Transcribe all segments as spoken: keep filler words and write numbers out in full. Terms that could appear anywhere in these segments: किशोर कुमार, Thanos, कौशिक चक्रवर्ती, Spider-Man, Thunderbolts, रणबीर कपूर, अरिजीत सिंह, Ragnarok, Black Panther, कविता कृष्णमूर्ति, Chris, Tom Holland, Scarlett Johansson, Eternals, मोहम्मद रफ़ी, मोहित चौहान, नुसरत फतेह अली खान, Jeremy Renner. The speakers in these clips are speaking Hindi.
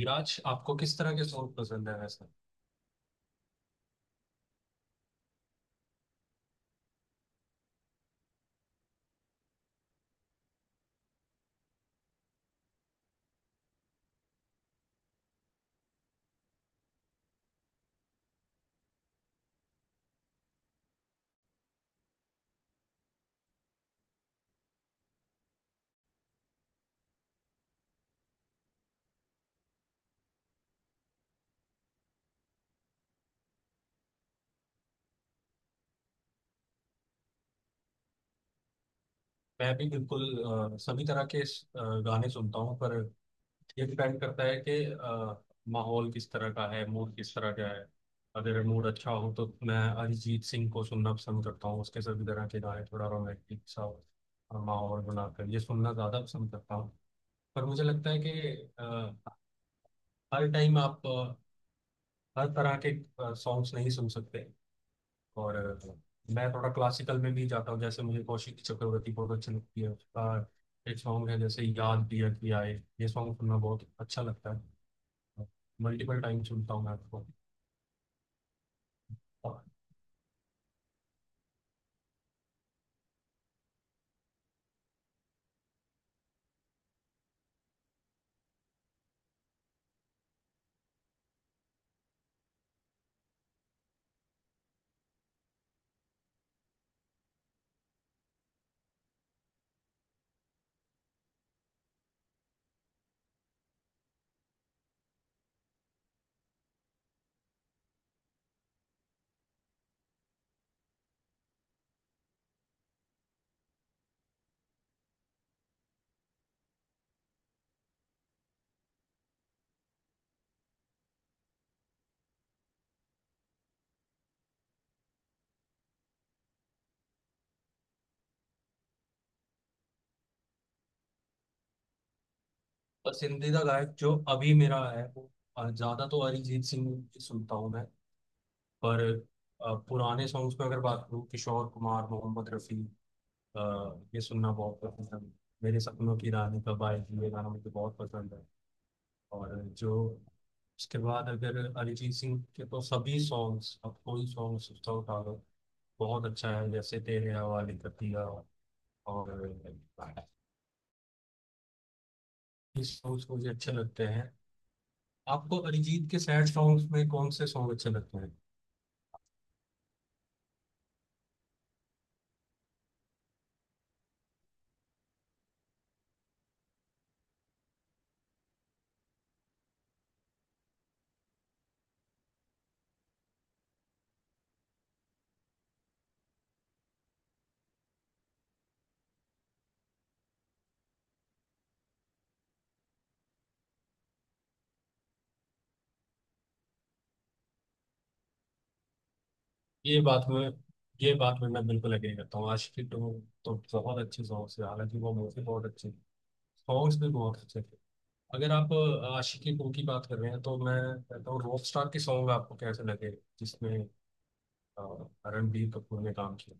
विराज, आपको किस तरह के सॉन्ग पसंद है वैसे? मैं भी बिल्कुल अ, सभी तरह के अ, गाने सुनता हूँ, पर ये डिपेंड करता है कि अ, माहौल किस तरह का है, मूड किस तरह का है। अगर मूड अच्छा हो तो मैं अरिजीत सिंह को सुनना पसंद करता हूँ, उसके सभी तरह के गाने, थोड़ा रोमांटिक सा अ, माहौल बनाकर ये सुनना ज़्यादा पसंद करता हूँ। पर मुझे लगता है कि अ, हर टाइम आप अ, हर तरह के सॉन्ग्स नहीं सुन सकते। और अ, मैं थोड़ा क्लासिकल में भी जाता हूँ, जैसे मुझे कौशिक चक्रवर्ती बहुत अच्छी लगती है, उसका एक सॉन्ग है जैसे याद दिया कि आए, ये सॉन्ग सुनना बहुत अच्छा लगता है, मल्टीपल टाइम सुनता हूँ मैं आपको। और पसंदीदा गायक जो अभी मेरा है, वो अ, ज्यादा तो अरिजीत सिंह की सुनता हूँ मैं, पर अ, पुराने सॉन्ग्स में अगर बात करूँ, किशोर कुमार, मोहम्मद रफ़ी, अ, ये सुनना बहुत पसंद है। मेरे सपनों की रानी कब आएगी, ये गाना मुझे बहुत पसंद है। और जो उसके बाद अगर अरिजीत सिंह के, तो सभी सॉन्ग्स, अब कोई सॉन्ग सोचता उठा लो, बहुत अच्छा है, जैसे तेरे हवाले कर दिया। और इस सॉन्ग्स मुझे अच्छे लगते हैं। आपको अरिजीत के सैड सॉन्ग्स में कौन से सॉन्ग अच्छे लगते हैं? ये बात में ये बात में मैं बिल्कुल अग्री करता हूँ। आशिकी टू तो बहुत अच्छे सॉन्ग्स है, हालांकि वो मूवी बहुत अच्छी, सॉन्ग्स भी बहुत अच्छे थे। अगर आप आशिकी टू की बात कर रहे हैं तो मैं कहता हूँ रॉक स्टार के सॉन्ग आपको कैसे लगे? जिसमें, हाँ, रणबीर कपूर ने काम किया।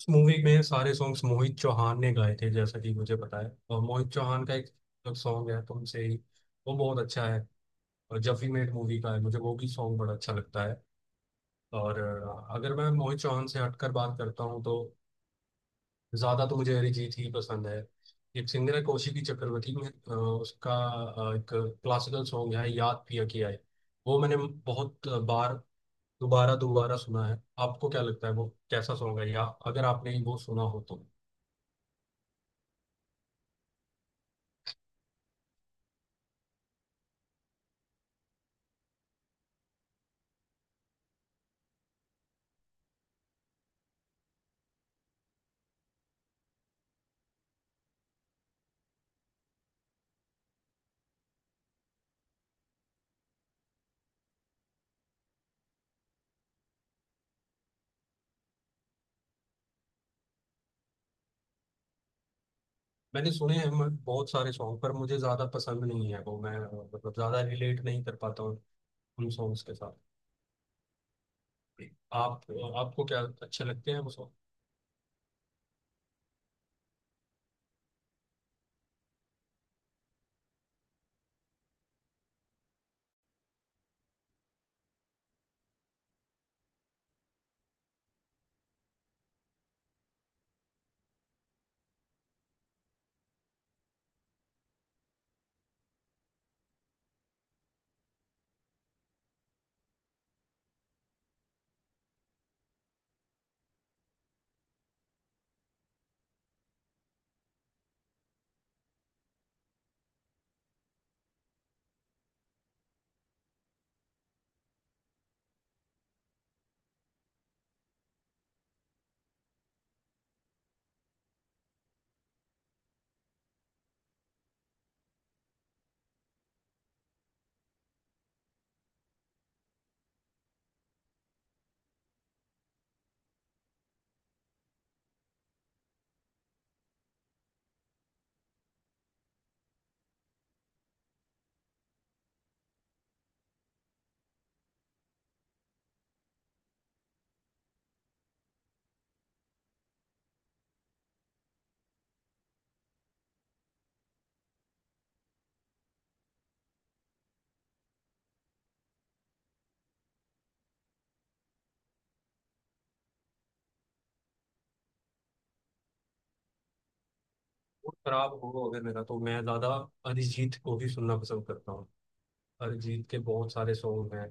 इस मूवी में सारे सॉन्ग्स मोहित चौहान ने गाए थे जैसा कि मुझे पता है, और मोहित चौहान का एक सॉन्ग है तुमसे ही, वो बहुत अच्छा है। और जब वी मेट मूवी का है, मुझे वो भी सॉन्ग बड़ा अच्छा लगता है। और अ, अगर मैं मोहित चौहान से हटकर बात करता हूँ तो ज़्यादा तो मुझे अरिजीत ही पसंद है। एक सिंगर है कौशिकी चक्रवर्ती, में अ, उसका अ, एक क्लासिकल सॉन्ग है याद पिया किया है, वो मैंने बहुत बार दोबारा दोबारा सुना है। आपको क्या लगता है, वो कैसा सॉन्ग है? या अगर आपने वो सुना हो तो। मैंने सुने हैं मैं बहुत सारे सॉन्ग, पर मुझे ज्यादा पसंद नहीं है, वो मैं अ, मतलब ज्यादा रिलेट नहीं कर पाता हूँ उन सॉन्ग्स के साथ। आप आपको क्या अच्छे लगते हैं वो सॉन्ग? मूड खराब हो अगर मेरा, तो मैं ज्यादा अरिजीत को भी सुनना पसंद करता हूँ। अरिजीत के बहुत सारे सॉन्ग हैं,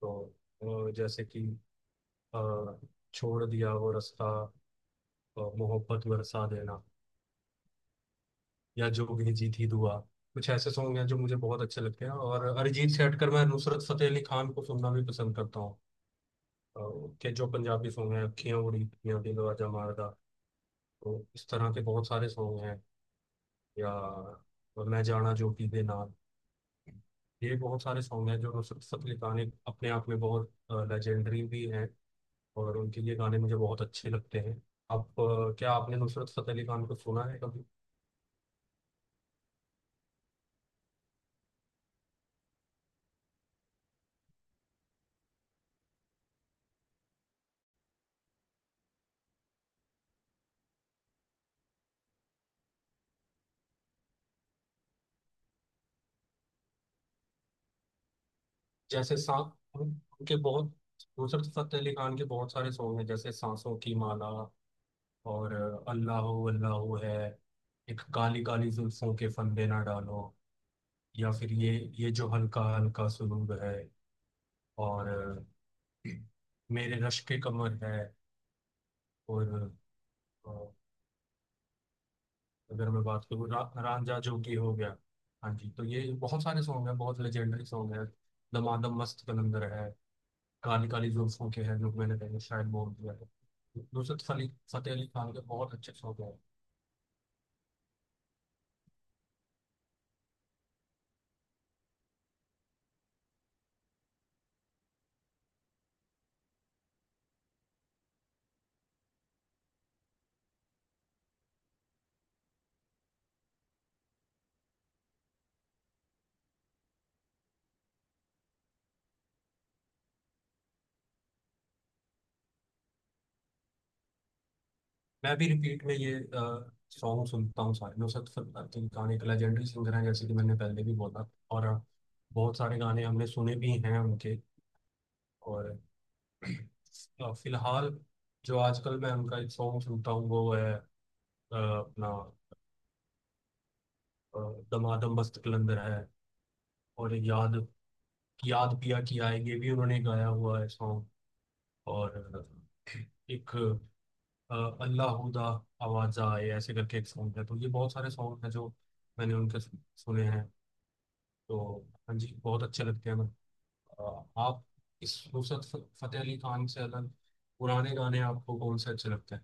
तो अ, जैसे कि अ, छोड़ दिया वो रास्ता, अ, मोहब्बत बरसा देना, या जोगी जीत ही दुआ, कुछ ऐसे सॉन्ग हैं जो मुझे बहुत अच्छे लगते हैं। और अरिजीत से हटकर मैं नुसरत फतेह अली खान को सुनना भी पसंद करता हूँ। अ, के जो पंजाबी सॉन्ग हैं, अखियां उड़ी, या दिल आजा मारदा, तो इस तरह के बहुत सारे सॉन्ग हैं। या और मैं जाना जोगी दे नाल, ये बहुत सारे सॉन्ग हैं जो नुसरत फतेह अली खान, एक अपने आप में बहुत लेजेंडरी भी हैं, और उनके ये गाने मुझे बहुत अच्छे लगते हैं। आप अ, क्या आपने नुसरत फतेह अली खान को सुना है कभी? जैसे सा उन- उनके बहुत नुसरत फतेह अली खान के बहुत सारे सॉन्ग हैं, जैसे सांसों की माला, और अ, अल्लाह हो अल्लाह हो है, एक काली काली जुल्फों के फंदे ना डालो, या फिर ये ये जो हल्का हल्का सुरूर है, और अ, मेरे रश के कमर है, और अ, अगर मैं बात करूँ रा, रांझा जोगी हो गया। हाँ जी, तो ये बहुत सारे सॉन्ग हैं, बहुत लेजेंडरी सॉन्ग है। दमादम मस्त कलंदर है, काली काली जो उसको के हैं, जो मैंने पहले शायद बोल दिया है। नुसरत फली फतेह अली खान के बहुत अच्छे सॉन्ग हैं। मैं भी रिपीट में ये सॉन्ग सुनता हूँ सारे। नुसरत फतेह अली खान एक लेजेंडरी सिंगर हैं, जैसे कि मैंने पहले भी बोला, और अ, बहुत सारे गाने हमने सुने भी हैं उनके। और अ, फिलहाल जो आजकल मैं उनका एक सॉन्ग सुनता हूँ वो है, अ, अपना अ, दमादम मस्त कलंदर है, और याद याद पिया की आए, ये भी उन्होंने गाया हुआ है सॉन्ग, और एक अल्लाहूदा आवाजा, ये ऐसे करके एक सॉन्ग है। तो ये बहुत सारे सॉन्ग हैं जो मैंने उनके सु- सुने हैं। तो हाँ जी, बहुत अच्छे लगते हैं। मैं अ, आप इस नुसरत फ- फतेह अली खान से अलग, पुराने गाने आपको कौन से अच्छे लगते हैं?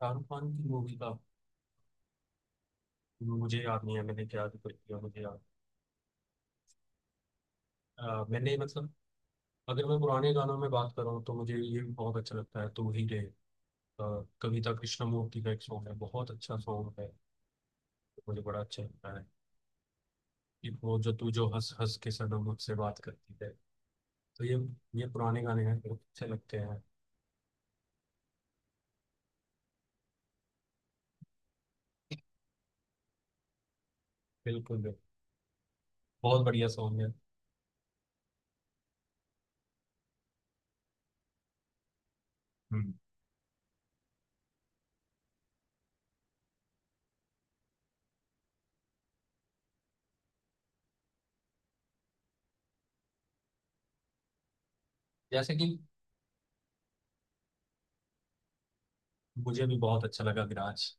शाहरुख खान की मूवी का मुझे याद नहीं है, मैंने क्या जिक्र किया, मुझे याद। अ, मैंने मतलब, अगर मैं पुराने गानों में बात करूँ तो मुझे ये भी बहुत अच्छा लगता है, तू ही रे, अ, कविता कृष्णमूर्ति का एक सॉन्ग है, बहुत अच्छा सॉन्ग है, मुझे बड़ा अच्छा लगता है। एक वो जो तू जो हंस हंस के सनम मुझसे बात करती है, तो ये ये पुराने गाने हैं, बहुत अच्छे लगते हैं। बिल्कुल बिल्कुल, बहुत बढ़िया सॉन्ग है। हम्म। जैसे कि मुझे भी बहुत अच्छा लगा, विराज।